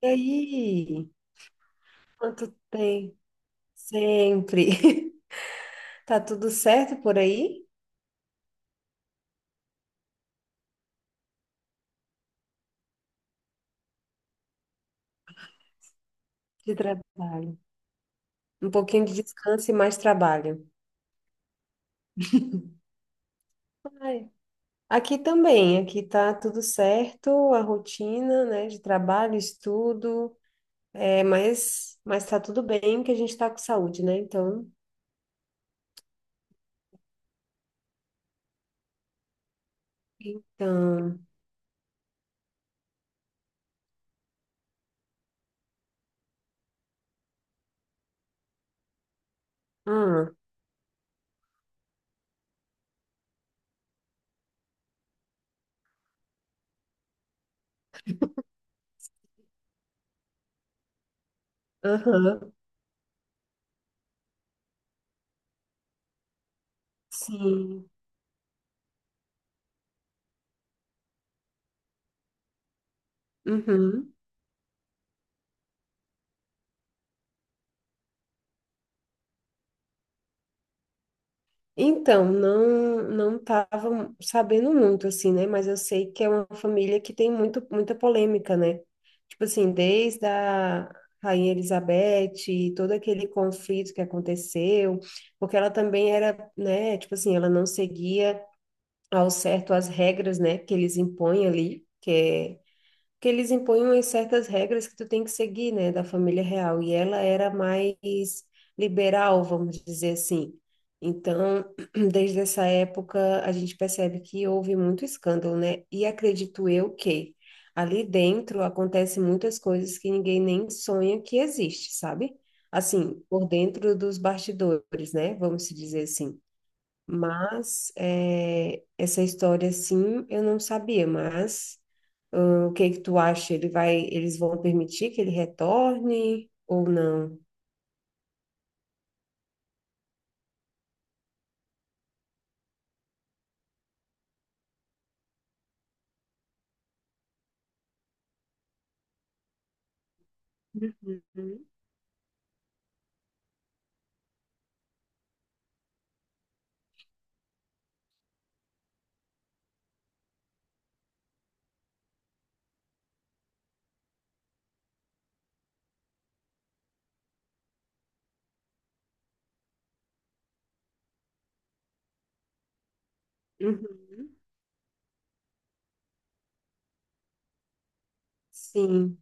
E aí? Quanto tempo? Sempre. Tá tudo certo por aí? De trabalho. Um pouquinho de descanso e mais trabalho. Ai. Aqui também, aqui tá tudo certo, a rotina, né, de trabalho, estudo, é, mas tá tudo bem que a gente tá com saúde, né? Então, então, ah, aham, sim, uhum. Então, não estava sabendo muito assim, né? Mas eu sei que é uma família que tem muito, muita polêmica, né? Tipo assim, desde a Rainha Elizabeth, e todo aquele conflito que aconteceu, porque ela também era, né? Tipo assim, ela não seguia ao certo as regras, né? Que eles impõem ali, que é que eles impõem umas certas regras que tu tem que seguir, né, da família real. E ela era mais liberal, vamos dizer assim. Então, desde essa época, a gente percebe que houve muito escândalo, né? E acredito eu que ali dentro acontecem muitas coisas que ninguém nem sonha que existe, sabe? Assim, por dentro dos bastidores, né? Vamos se dizer assim. Mas essa história, sim, eu não sabia, mas hum, o que é que tu acha? Ele vai, eles vão permitir que ele retorne ou não? Uhum. Uhum. Sim,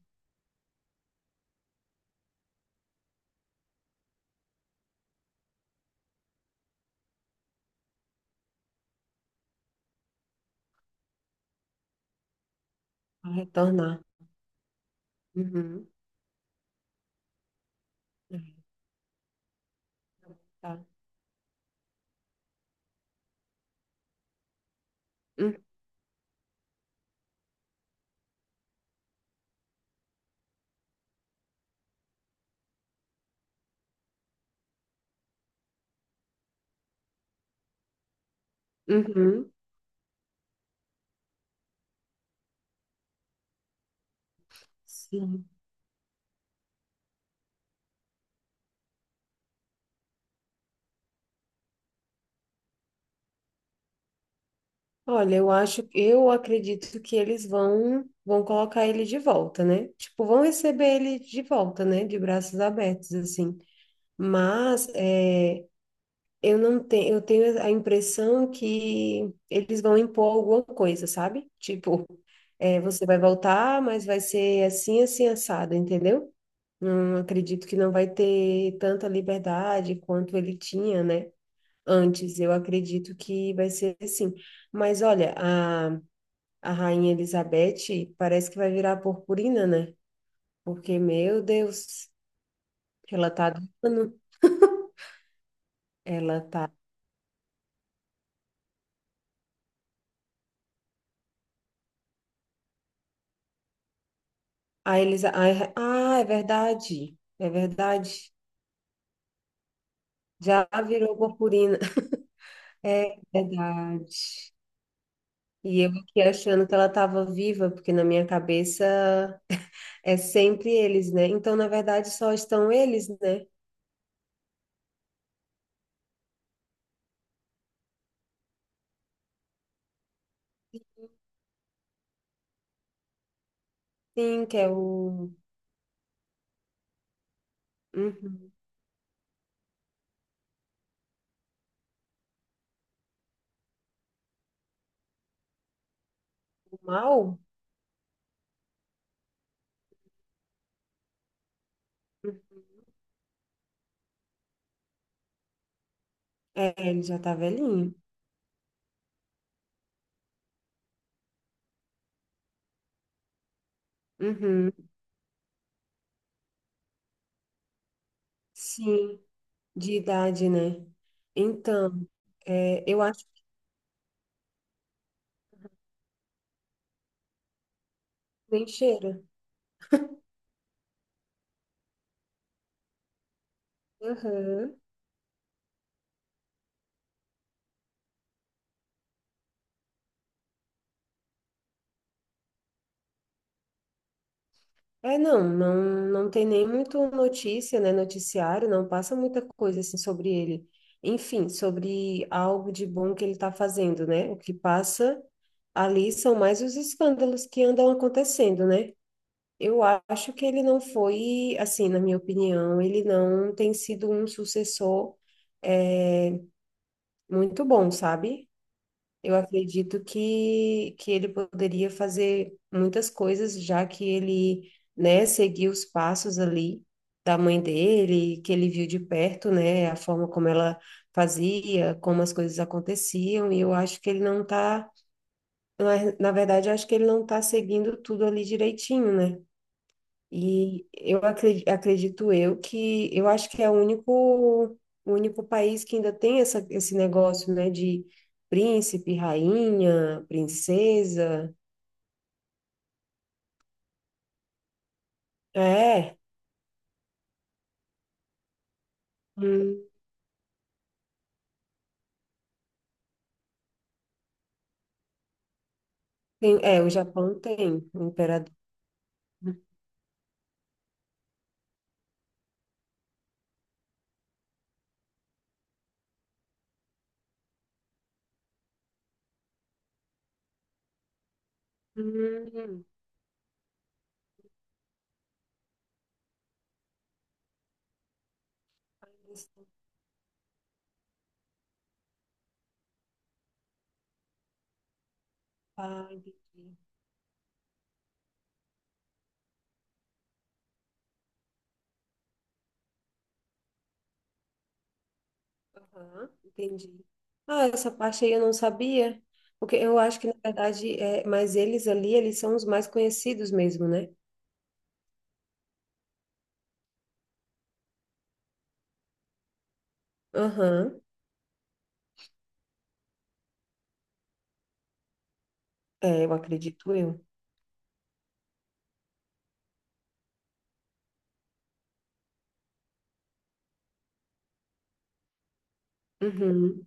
vai retornar. Uhum. É, tá. Hum, uhum. Sim. Olha, eu acho, eu acredito que eles vão, vão colocar ele de volta, né? Tipo, vão receber ele de volta, né? De braços abertos, assim. Mas é, eu não tenho, eu tenho a impressão que eles vão impor alguma coisa, sabe? Tipo, é, você vai voltar, mas vai ser assim, assim, assado, entendeu? Não acredito que não vai ter tanta liberdade quanto ele tinha, né? Antes, eu acredito que vai ser assim. Mas olha, a Rainha Elizabeth parece que vai virar purpurina, né? Porque, meu Deus, ela tá. do ela tá. A Elisa. Ai, ah, é verdade. É verdade. Já virou purpurina. É verdade. E eu aqui achando que ela estava viva, porque na minha cabeça é sempre eles, né? Então, na verdade, só estão eles, né? Sim, que é o, uhum, o mal. É, ele já tá velhinho. Uhum. Sim, de idade, né? Então, é, eu acho que nem cheira. Uhum. É, não, não tem nem muito notícia, né, noticiário, não passa muita coisa, assim, sobre ele. Enfim, sobre algo de bom que ele está fazendo, né? O que passa ali são mais os escândalos que andam acontecendo, né? Eu acho que ele não foi, assim, na minha opinião, ele não tem sido um sucessor, é, muito bom, sabe? Eu acredito que ele poderia fazer muitas coisas, já que ele, né, seguiu os passos ali da mãe dele, que ele viu de perto, né, a forma como ela fazia, como as coisas aconteciam, e eu acho que ele não tá, na na verdade, eu acho que ele não tá seguindo tudo ali direitinho, né? E eu acredito, eu que eu acho que é o único país que ainda tem essa, esse negócio, né, de príncipe, rainha, princesa. É, hum, é, o Japão tem o imperador. Hum, ah, entendi. Aham, entendi. Ah, essa parte aí eu não sabia, porque eu acho que na verdade é, mas eles ali, eles são os mais conhecidos mesmo, né? Aham, é, eu acredito eu. Uhum,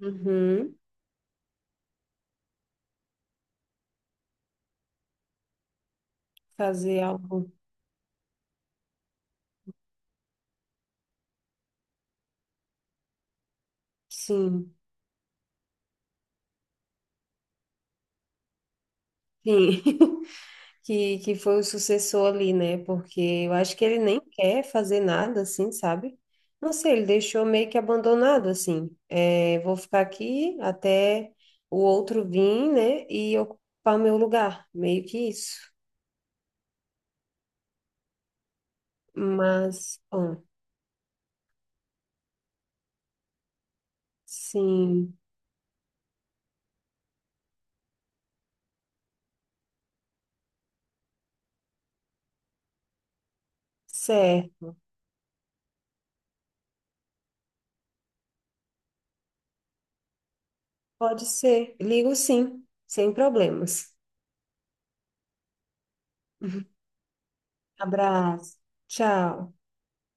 uhum. Fazer algo, sim, sim, que foi o sucessor ali, né? Porque eu acho que ele nem quer fazer nada, assim, sabe? Não sei, ele deixou meio que abandonado, assim. É, vou ficar aqui até o outro vir, né? E ocupar meu lugar, meio que isso. Mas, bom, sim, certo, pode ser. Ligo sim, sem problemas. Abraço, tchau.